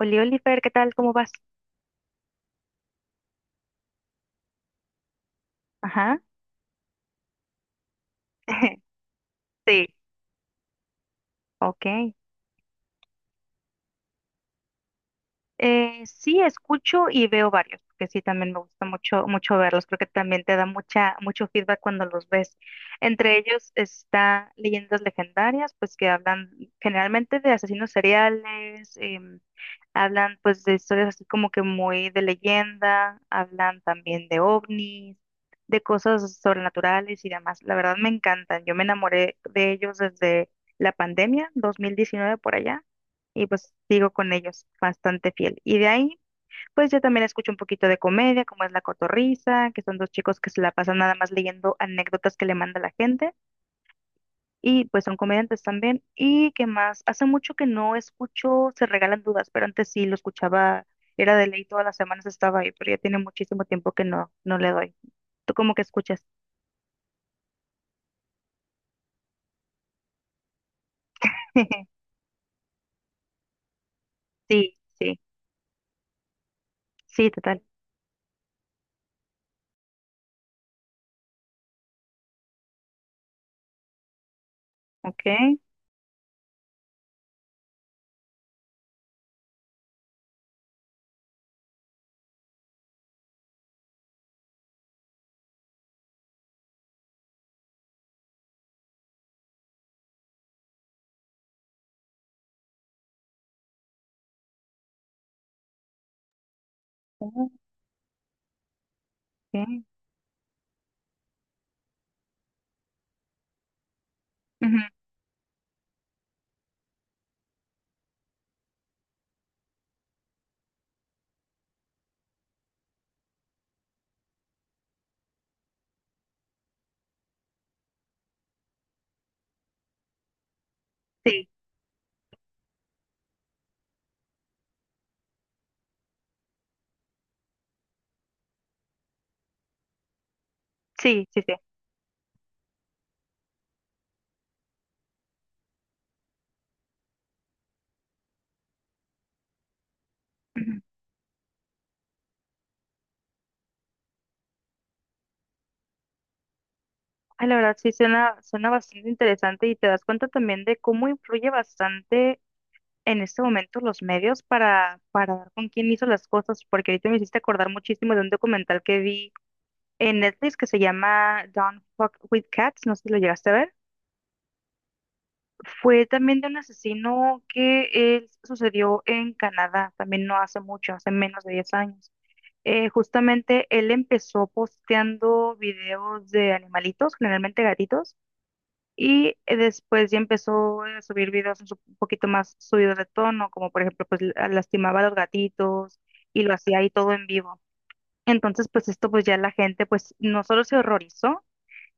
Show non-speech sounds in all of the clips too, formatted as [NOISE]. Oliver, ¿qué tal? ¿Cómo vas? Ajá. [LAUGHS] Sí, ok. Sí, escucho y veo varios, porque sí, también me gusta mucho, mucho verlos. Creo que también te da mucho feedback cuando los ves. Entre ellos está Leyendas Legendarias, pues que hablan generalmente de asesinos seriales, hablan pues de historias así como que muy de leyenda, hablan también de ovnis, de cosas sobrenaturales y demás. La verdad me encantan. Yo me enamoré de ellos desde la pandemia, 2019 por allá, y pues sigo con ellos bastante fiel. Y de ahí, pues yo también escucho un poquito de comedia, como es La Cotorrisa, que son dos chicos que se la pasan nada más leyendo anécdotas que le manda la gente, y pues son comediantes también. ¿Y qué más? Hace mucho que no escucho Se Regalan Dudas, pero antes sí lo escuchaba, era de ley, todas las semanas estaba ahí, pero ya tiene muchísimo tiempo que no, no le doy. ¿Tú cómo que escuchas? [LAUGHS] Sí, sí, sí, total. Ok. Ok. Ujú. Sí, sí, sí, sí. Ay, la verdad sí suena, suena bastante interesante, y te das cuenta también de cómo influye bastante en este momento los medios para dar con quién hizo las cosas, porque ahorita me hiciste acordar muchísimo de un documental que vi en Netflix que se llama Don't Fuck with Cats, no sé si lo llegaste a ver. Fue también de un asesino que sucedió en Canadá, también no hace mucho, hace menos de 10 años. Justamente él empezó posteando videos de animalitos, generalmente gatitos. Y después ya empezó a subir videos un poquito más subidos de tono, como por ejemplo, pues lastimaba a los gatitos, y lo hacía ahí todo en vivo. Entonces, pues esto pues ya la gente pues no solo se horrorizó,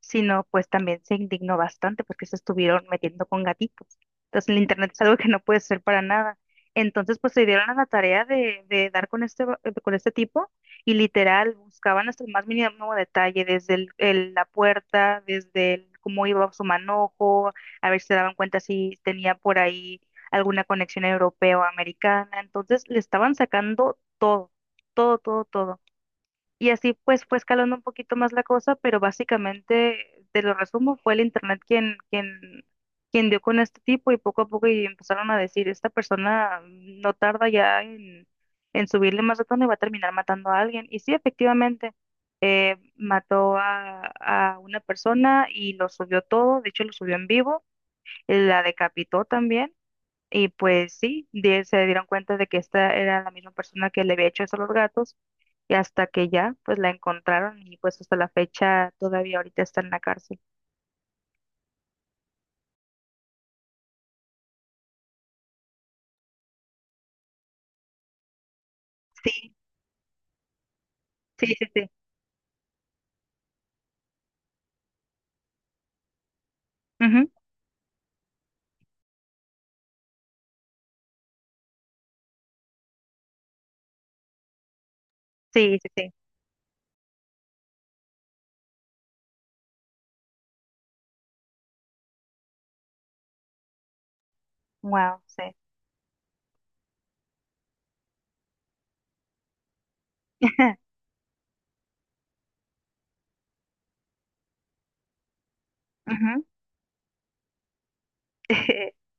sino pues también se indignó bastante porque se estuvieron metiendo con gatitos. Entonces el internet es algo que no puede ser para nada. Entonces pues se dieron a la tarea de dar con este tipo, y literal buscaban hasta el más mínimo detalle, desde la puerta, desde cómo iba su manojo, a ver si se daban cuenta si tenía por ahí alguna conexión europea o americana. Entonces le estaban sacando todo, todo, todo, todo. Y así pues fue escalando un poquito más la cosa, pero básicamente, te lo resumo, fue el internet quien dio con este tipo, y poco a poco y empezaron a decir, esta persona no tarda ya en subirle más de tono y va a terminar matando a alguien. Y sí, efectivamente, mató a una persona y lo subió todo, de hecho lo subió en vivo, la decapitó también. Y pues sí, se dieron cuenta de que esta era la misma persona que le había hecho eso a los gatos, y hasta que ya pues la encontraron, y pues hasta la fecha todavía ahorita está en la cárcel. Sí, sí, sí, sí. Ujú. Sí, sí, sí. Wow, sí. [LAUGHS] Ujú. [LAUGHS]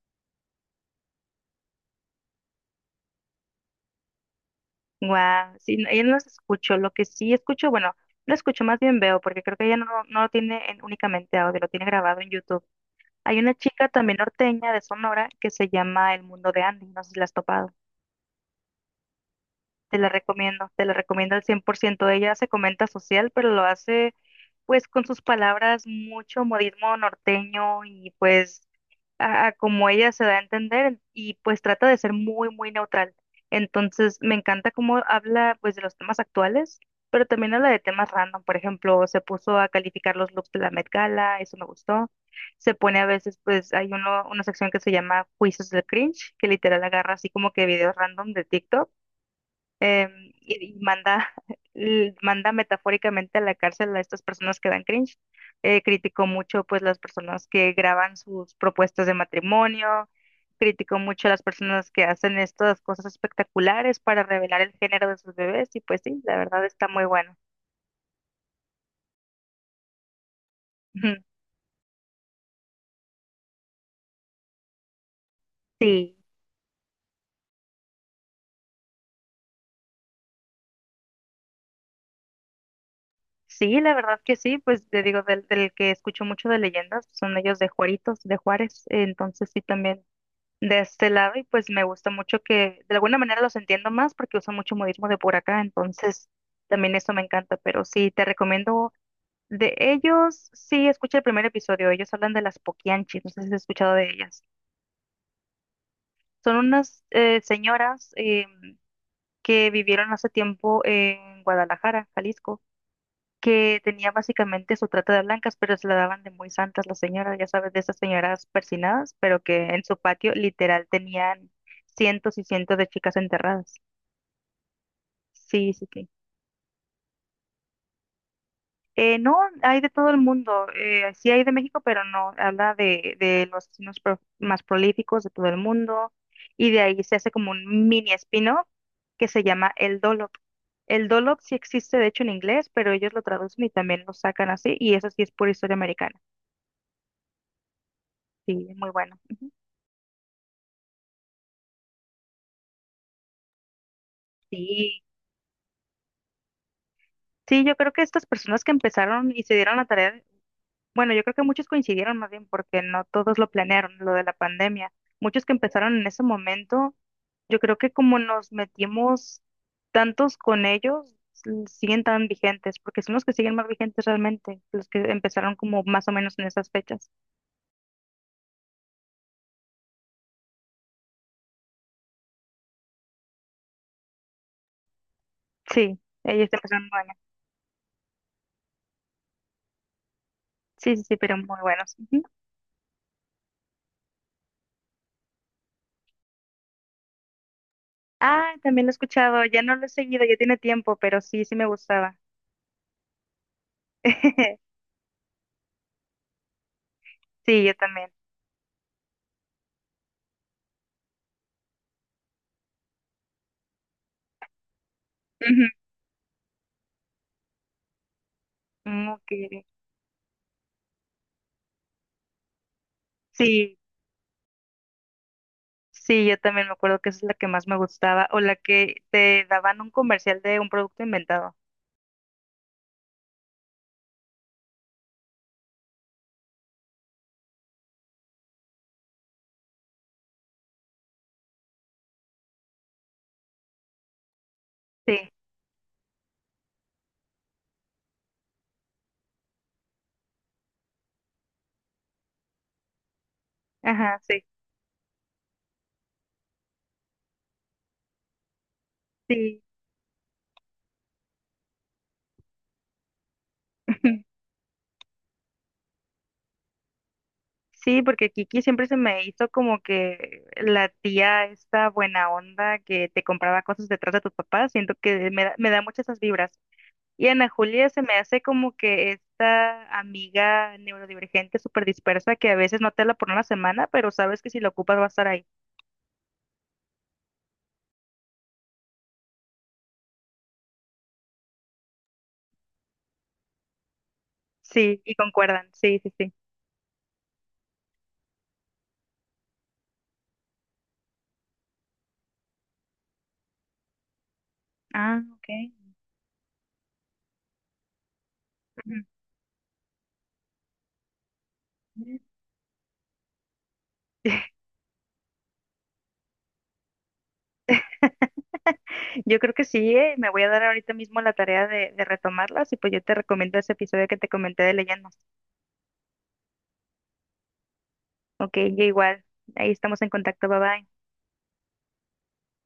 Guau, sí, ella no los escucho. Lo que sí escucho, bueno, no escucho, más bien veo, porque creo que ella no, no lo tiene únicamente audio, lo tiene grabado en YouTube. Hay una chica también norteña de Sonora que se llama El Mundo de Andy, no sé si la has topado. Te la recomiendo al 100%. Ella se comenta social, pero lo hace pues con sus palabras, mucho modismo norteño, y pues a como ella se da a entender, y pues trata de ser muy, muy neutral. Entonces me encanta cómo habla pues de los temas actuales, pero también habla de temas random. Por ejemplo, se puso a calificar los looks de la Met Gala, eso me gustó. Se pone a veces pues hay uno, una sección que se llama Juicios del Cringe, que literal agarra así como que videos random de TikTok, y manda metafóricamente a la cárcel a estas personas que dan cringe. Criticó mucho pues las personas que graban sus propuestas de matrimonio, criticó mucho a las personas que hacen estas cosas espectaculares para revelar el género de sus bebés, y pues sí, la verdad está muy bueno. Ujú. Sí, sí, la verdad que sí, pues te digo, del que escucho mucho de leyendas, son ellos de Juaritos, de Juárez, entonces sí también de este lado, y pues me gusta mucho que de alguna manera los entiendo más porque uso mucho modismo de por acá, entonces también eso me encanta, pero sí, te recomiendo de ellos, sí, escucha el primer episodio, ellos hablan de las Poquianchis, no sé si has escuchado de ellas. Son unas señoras que vivieron hace tiempo en Guadalajara, Jalisco, que tenía básicamente su trata de blancas, pero se la daban de muy santas las señoras, ya sabes, de esas señoras persinadas, pero que en su patio literal tenían cientos y cientos de chicas enterradas. Sí, sí, sí. No, hay de todo el mundo, sí hay de México, pero no, habla de los asesinos más prolíficos de todo el mundo, y de ahí se hace como un mini espino que se llama el Dolop. El Dolop sí existe, de hecho, en inglés, pero ellos lo traducen y también lo sacan así, y eso sí es pura historia americana. Sí, es muy bueno. Ujú. Sí, sí, yo creo que estas personas que empezaron y se dieron la tarea, bueno, yo creo que muchos coincidieron más bien porque no todos lo planearon, lo de la pandemia. Muchos que empezaron en ese momento, yo creo que como nos metimos tantos con ellos, siguen tan vigentes, porque son los que siguen más vigentes realmente, los que empezaron como más o menos en esas fechas. Sí, ellos empezaron muy año. Sí, sí, sí, pero muy buenos. Ujú. Ah, también lo he escuchado, ya no lo he seguido, ya tiene tiempo, pero sí, sí me gustaba. [LAUGHS] Sí, yo también. Ujú. Mm, ok. Sí, sí, yo también me acuerdo que esa es la que más me gustaba, o la que te daban un comercial de un producto inventado. Sí, ajá, sí, sí. [LAUGHS] Sí, porque Kiki siempre se me hizo como que la tía esta buena onda que te compraba cosas detrás de tus papás, siento que me da muchas esas vibras. Y Ana Julia se me hace como que esta amiga neurodivergente súper dispersa que a veces no te habla por una semana, pero sabes que si la ocupas va a estar ahí. Sí, y concuerdan. Sí, sí, sí. Ah, ok. Ujú. [LAUGHS] Yo creo que sí, me voy a dar ahorita mismo la tarea de retomarlas, y pues yo te recomiendo ese episodio que te comenté de leyendas. Ok, yo igual. Ahí estamos en contacto. Bye bye.